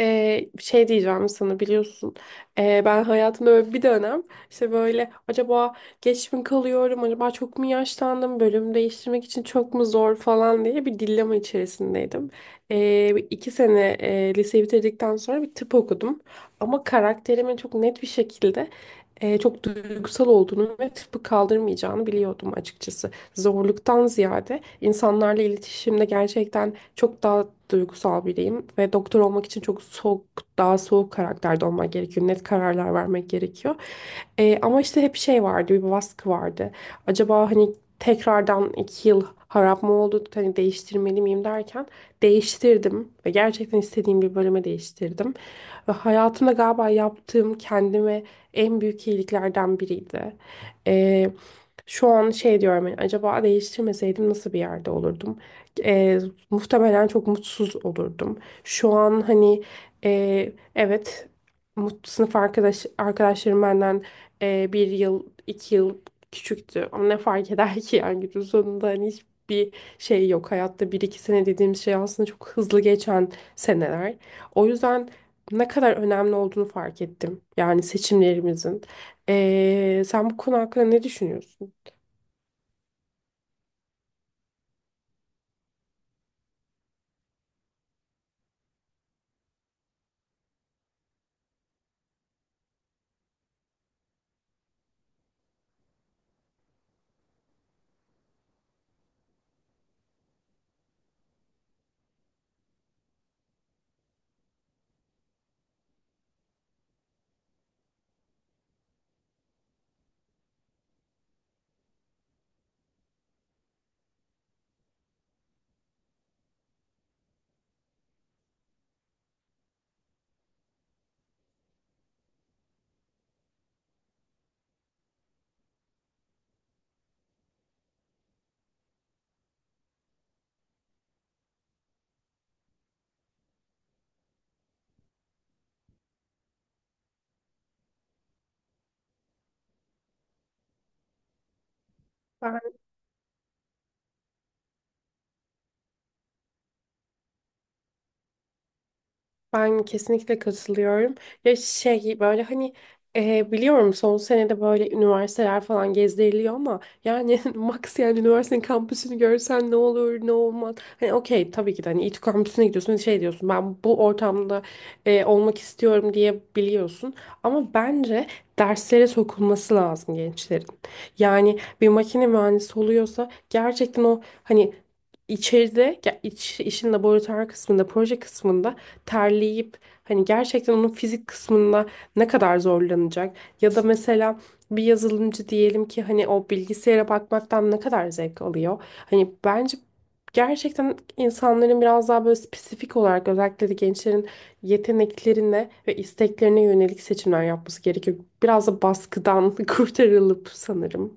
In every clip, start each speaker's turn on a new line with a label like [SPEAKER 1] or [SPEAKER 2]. [SPEAKER 1] Şey diyeceğim sana, biliyorsun. Ben hayatımda böyle bir dönem, işte böyle acaba geç mi kalıyorum, acaba çok mu yaşlandım, bölüm değiştirmek için çok mu zor falan diye bir dillema içerisindeydim. Bir iki sene liseyi bitirdikten sonra bir tıp okudum, ama karakterime çok net bir şekilde çok duygusal olduğunu ve tıpı kaldırmayacağını biliyordum açıkçası. Zorluktan ziyade insanlarla iletişimde gerçekten çok daha duygusal biriyim ve doktor olmak için çok soğuk, daha soğuk karakterde olmak gerekiyor. Net kararlar vermek gerekiyor. Ama işte hep şey vardı, bir baskı vardı. Acaba hani tekrardan iki yıl harap mı oldu, hani değiştirmeli miyim derken değiştirdim ve gerçekten istediğim bir bölüme değiştirdim. Ve hayatımda galiba yaptığım kendime en büyük iyiliklerden biriydi. Ee, Şu an şey diyorum, hani acaba değiştirmeseydim nasıl bir yerde olurdum? Ee, Muhtemelen çok mutsuz olurdum. Şu an hani, evet, sınıf arkadaşlarım benden bir yıl iki yıl küçüktü, ama ne fark eder ki, yani günün sonunda hani hiçbir şey yok hayatta, bir iki sene dediğimiz şey aslında çok hızlı geçen seneler. O yüzden ne kadar önemli olduğunu fark ettim. Yani seçimlerimizin. Sen bu konu hakkında ne düşünüyorsun? Ben Ben kesinlikle katılıyorum. Ya şey böyle hani biliyorum son senede böyle üniversiteler falan gezdiriliyor, ama yani max yani üniversitenin kampüsünü görsen ne olur ne olmaz. Hani okey, tabii ki de hani İTÜ kampüsüne gidiyorsun, şey diyorsun ben bu ortamda olmak istiyorum diye biliyorsun. Ama bence derslere sokulması lazım gençlerin. Yani bir makine mühendisi oluyorsa gerçekten o hani içeride ya işin laboratuvar kısmında, proje kısmında terleyip hani gerçekten onun fizik kısmında ne kadar zorlanacak, ya da mesela bir yazılımcı diyelim ki hani o bilgisayara bakmaktan ne kadar zevk alıyor. Hani bence gerçekten insanların biraz daha böyle spesifik olarak, özellikle de gençlerin yeteneklerine ve isteklerine yönelik seçimler yapması gerekiyor. Biraz da baskıdan kurtarılıp sanırım.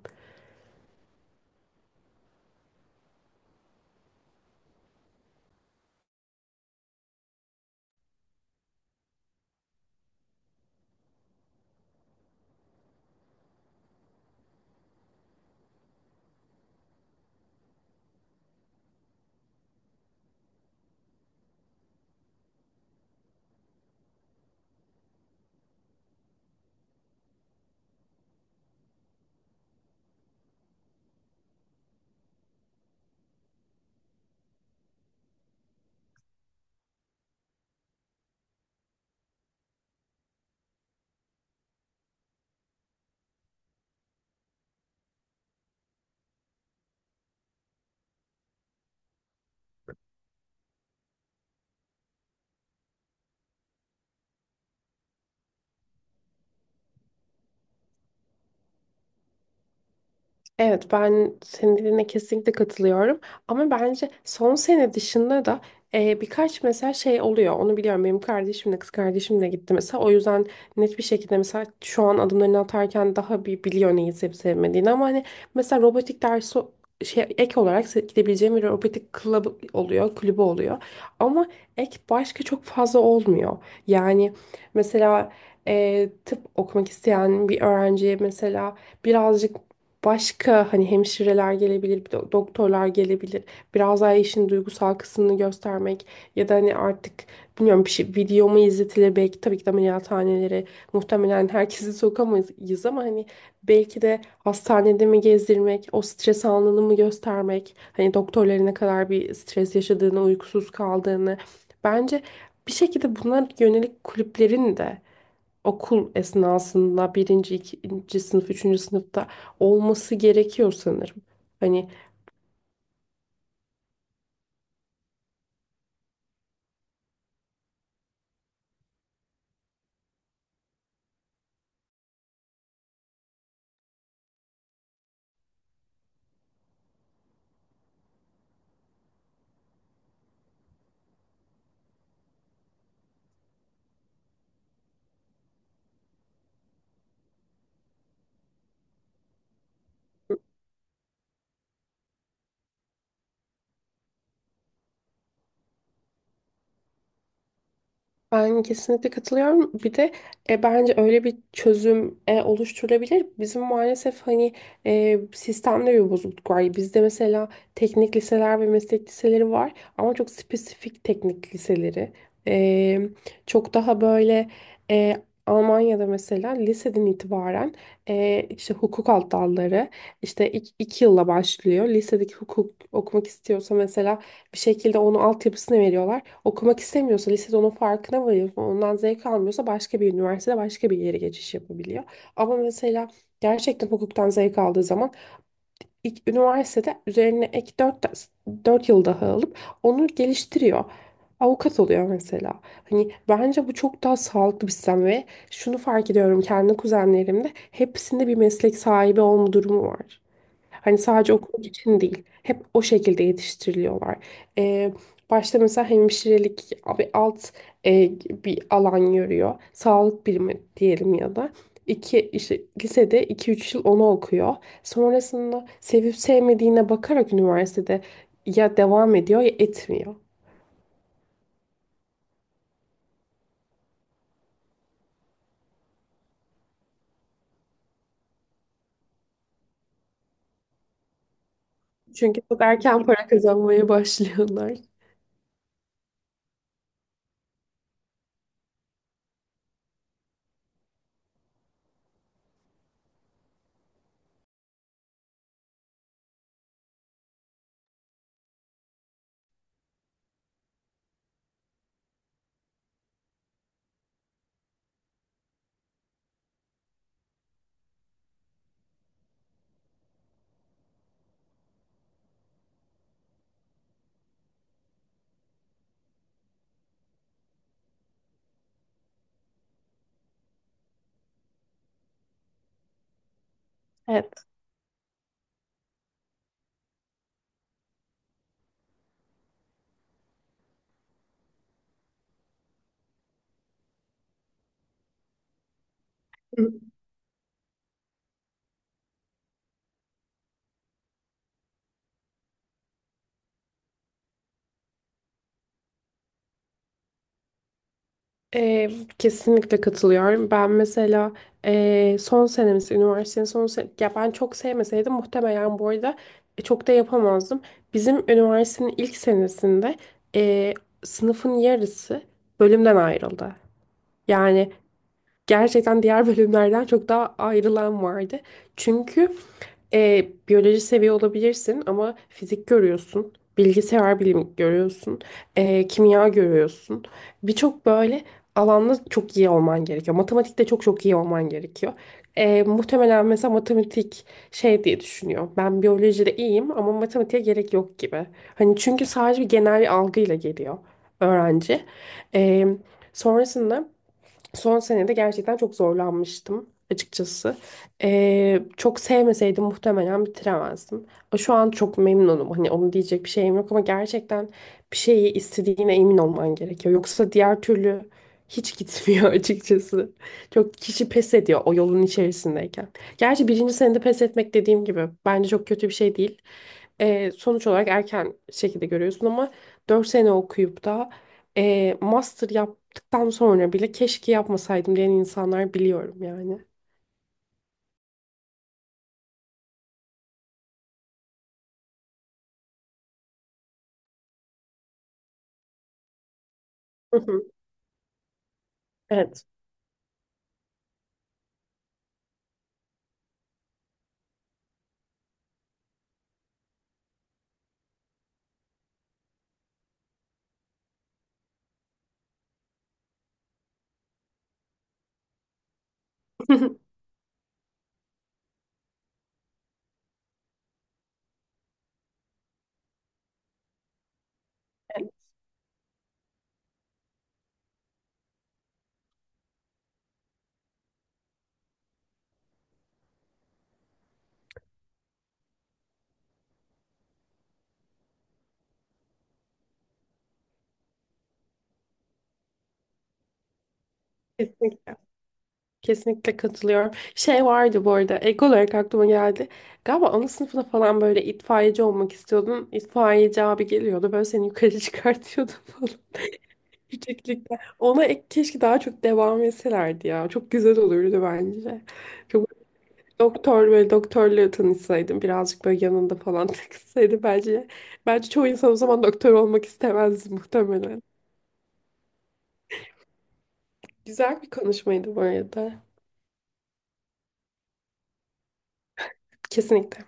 [SPEAKER 1] Evet, ben senin dediğine kesinlikle katılıyorum. Ama bence son sene dışında da birkaç mesela şey oluyor. Onu biliyorum. Benim kardeşim de, kız kardeşim de gitti mesela. O yüzden net bir şekilde, mesela şu an adımlarını atarken daha bir biliyor neyi sevip sevmediğini. Ama hani mesela robotik dersi, şey ek olarak gidebileceğim bir robotik kulübü oluyor, kulübü oluyor. Ama ek başka çok fazla olmuyor. Yani mesela tıp okumak isteyen bir öğrenciye mesela birazcık başka hani hemşireler gelebilir, doktorlar gelebilir. Biraz daha işin duygusal kısmını göstermek, ya da hani artık bilmiyorum bir şey video mu izletilir, belki tabii ki de ameliyathanelere muhtemelen herkesi sokamayız, ama hani belki de hastanede mi gezdirmek, o stres anını mı göstermek, hani doktorların ne kadar bir stres yaşadığını, uykusuz kaldığını. Bence bir şekilde buna yönelik kulüplerin de okul esnasında birinci, ikinci sınıf, üçüncü sınıfta olması gerekiyor sanırım. Hani. Ben kesinlikle katılıyorum. Bir de bence öyle bir çözüm oluşturulabilir. Bizim maalesef hani sistemde bir bozukluk var. Bizde mesela teknik liseler ve meslek liseleri var, ama çok spesifik teknik liseleri. E, Çok daha böyle, e, Almanya'da mesela liseden itibaren işte hukuk alt dalları, işte iki yılla başlıyor. Lisedeki hukuk okumak istiyorsa mesela bir şekilde onu altyapısını veriyorlar. Okumak istemiyorsa, lisede onun farkına varıyor, ondan zevk almıyorsa başka bir üniversitede başka bir yere geçiş yapabiliyor. Ama mesela gerçekten hukuktan zevk aldığı zaman ilk üniversitede üzerine ek 4 yıl daha alıp onu geliştiriyor. Avukat oluyor mesela. Hani bence bu çok daha sağlıklı bir sistem ve şunu fark ediyorum, kendi kuzenlerimde hepsinde bir meslek sahibi olma durumu var. Hani sadece okul için değil. Hep o şekilde yetiştiriliyorlar. Ee, Başta mesela hemşirelik bir alt, e, bir alan görüyor. Sağlık birimi diyelim, ya da. İşte lisede iki üç yıl onu okuyor. Sonrasında sevip sevmediğine bakarak üniversitede ya devam ediyor ya etmiyor. Çünkü çok erken para kazanmaya başlıyorlar. Evet. Ee, Kesinlikle katılıyorum. Ben mesela son senemiz, üniversitenin son sen ya ben çok sevmeseydim muhtemelen bu arada çok da yapamazdım. Bizim üniversitenin ilk senesinde ee, sınıfın yarısı bölümden ayrıldı. Yani gerçekten diğer bölümlerden çok daha ayrılan vardı. Çünkü biyoloji seviye olabilirsin ama fizik görüyorsun, bilgisayar bilimi görüyorsun, kimya görüyorsun. Birçok böyle alanda çok iyi olman gerekiyor. Matematikte çok çok iyi olman gerekiyor. Muhtemelen mesela matematik şey diye düşünüyor. Ben biyolojide iyiyim ama matematiğe gerek yok gibi. Hani çünkü sadece bir genel bir algıyla geliyor öğrenci. E, Sonrasında... Son senede gerçekten çok zorlanmıştım açıkçası. Çok sevmeseydim muhtemelen bitiremezdim. Şu an çok memnunum. Hani onu diyecek bir şeyim yok, ama gerçekten bir şeyi istediğine emin olman gerekiyor. Yoksa diğer türlü hiç gitmiyor açıkçası. Çok kişi pes ediyor o yolun içerisindeyken. Gerçi birinci senede pes etmek dediğim gibi bence çok kötü bir şey değil. Sonuç olarak erken şekilde görüyorsun, ama 4 sene okuyup da master yap, tam sonra bile keşke yapmasaydım diyen insanlar biliyorum yani. Hı hı. Evet. Evet. Kesinlikle. Kesinlikle katılıyorum. Şey vardı bu arada, ek olarak aklıma geldi. Galiba ana sınıfında falan böyle itfaiyeci olmak istiyordun. İtfaiyeci abi geliyordu böyle seni yukarı çıkartıyordu falan. Yükseklikten. Ona ek, keşke daha çok devam etselerdi ya. Çok güzel olurdu bence. Çok Doktor, böyle doktorla tanışsaydım birazcık böyle yanında falan takılsaydı bence. Bence çoğu insan o zaman doktor olmak istemezdi muhtemelen. Güzel bir konuşmaydı bu arada. Kesinlikle.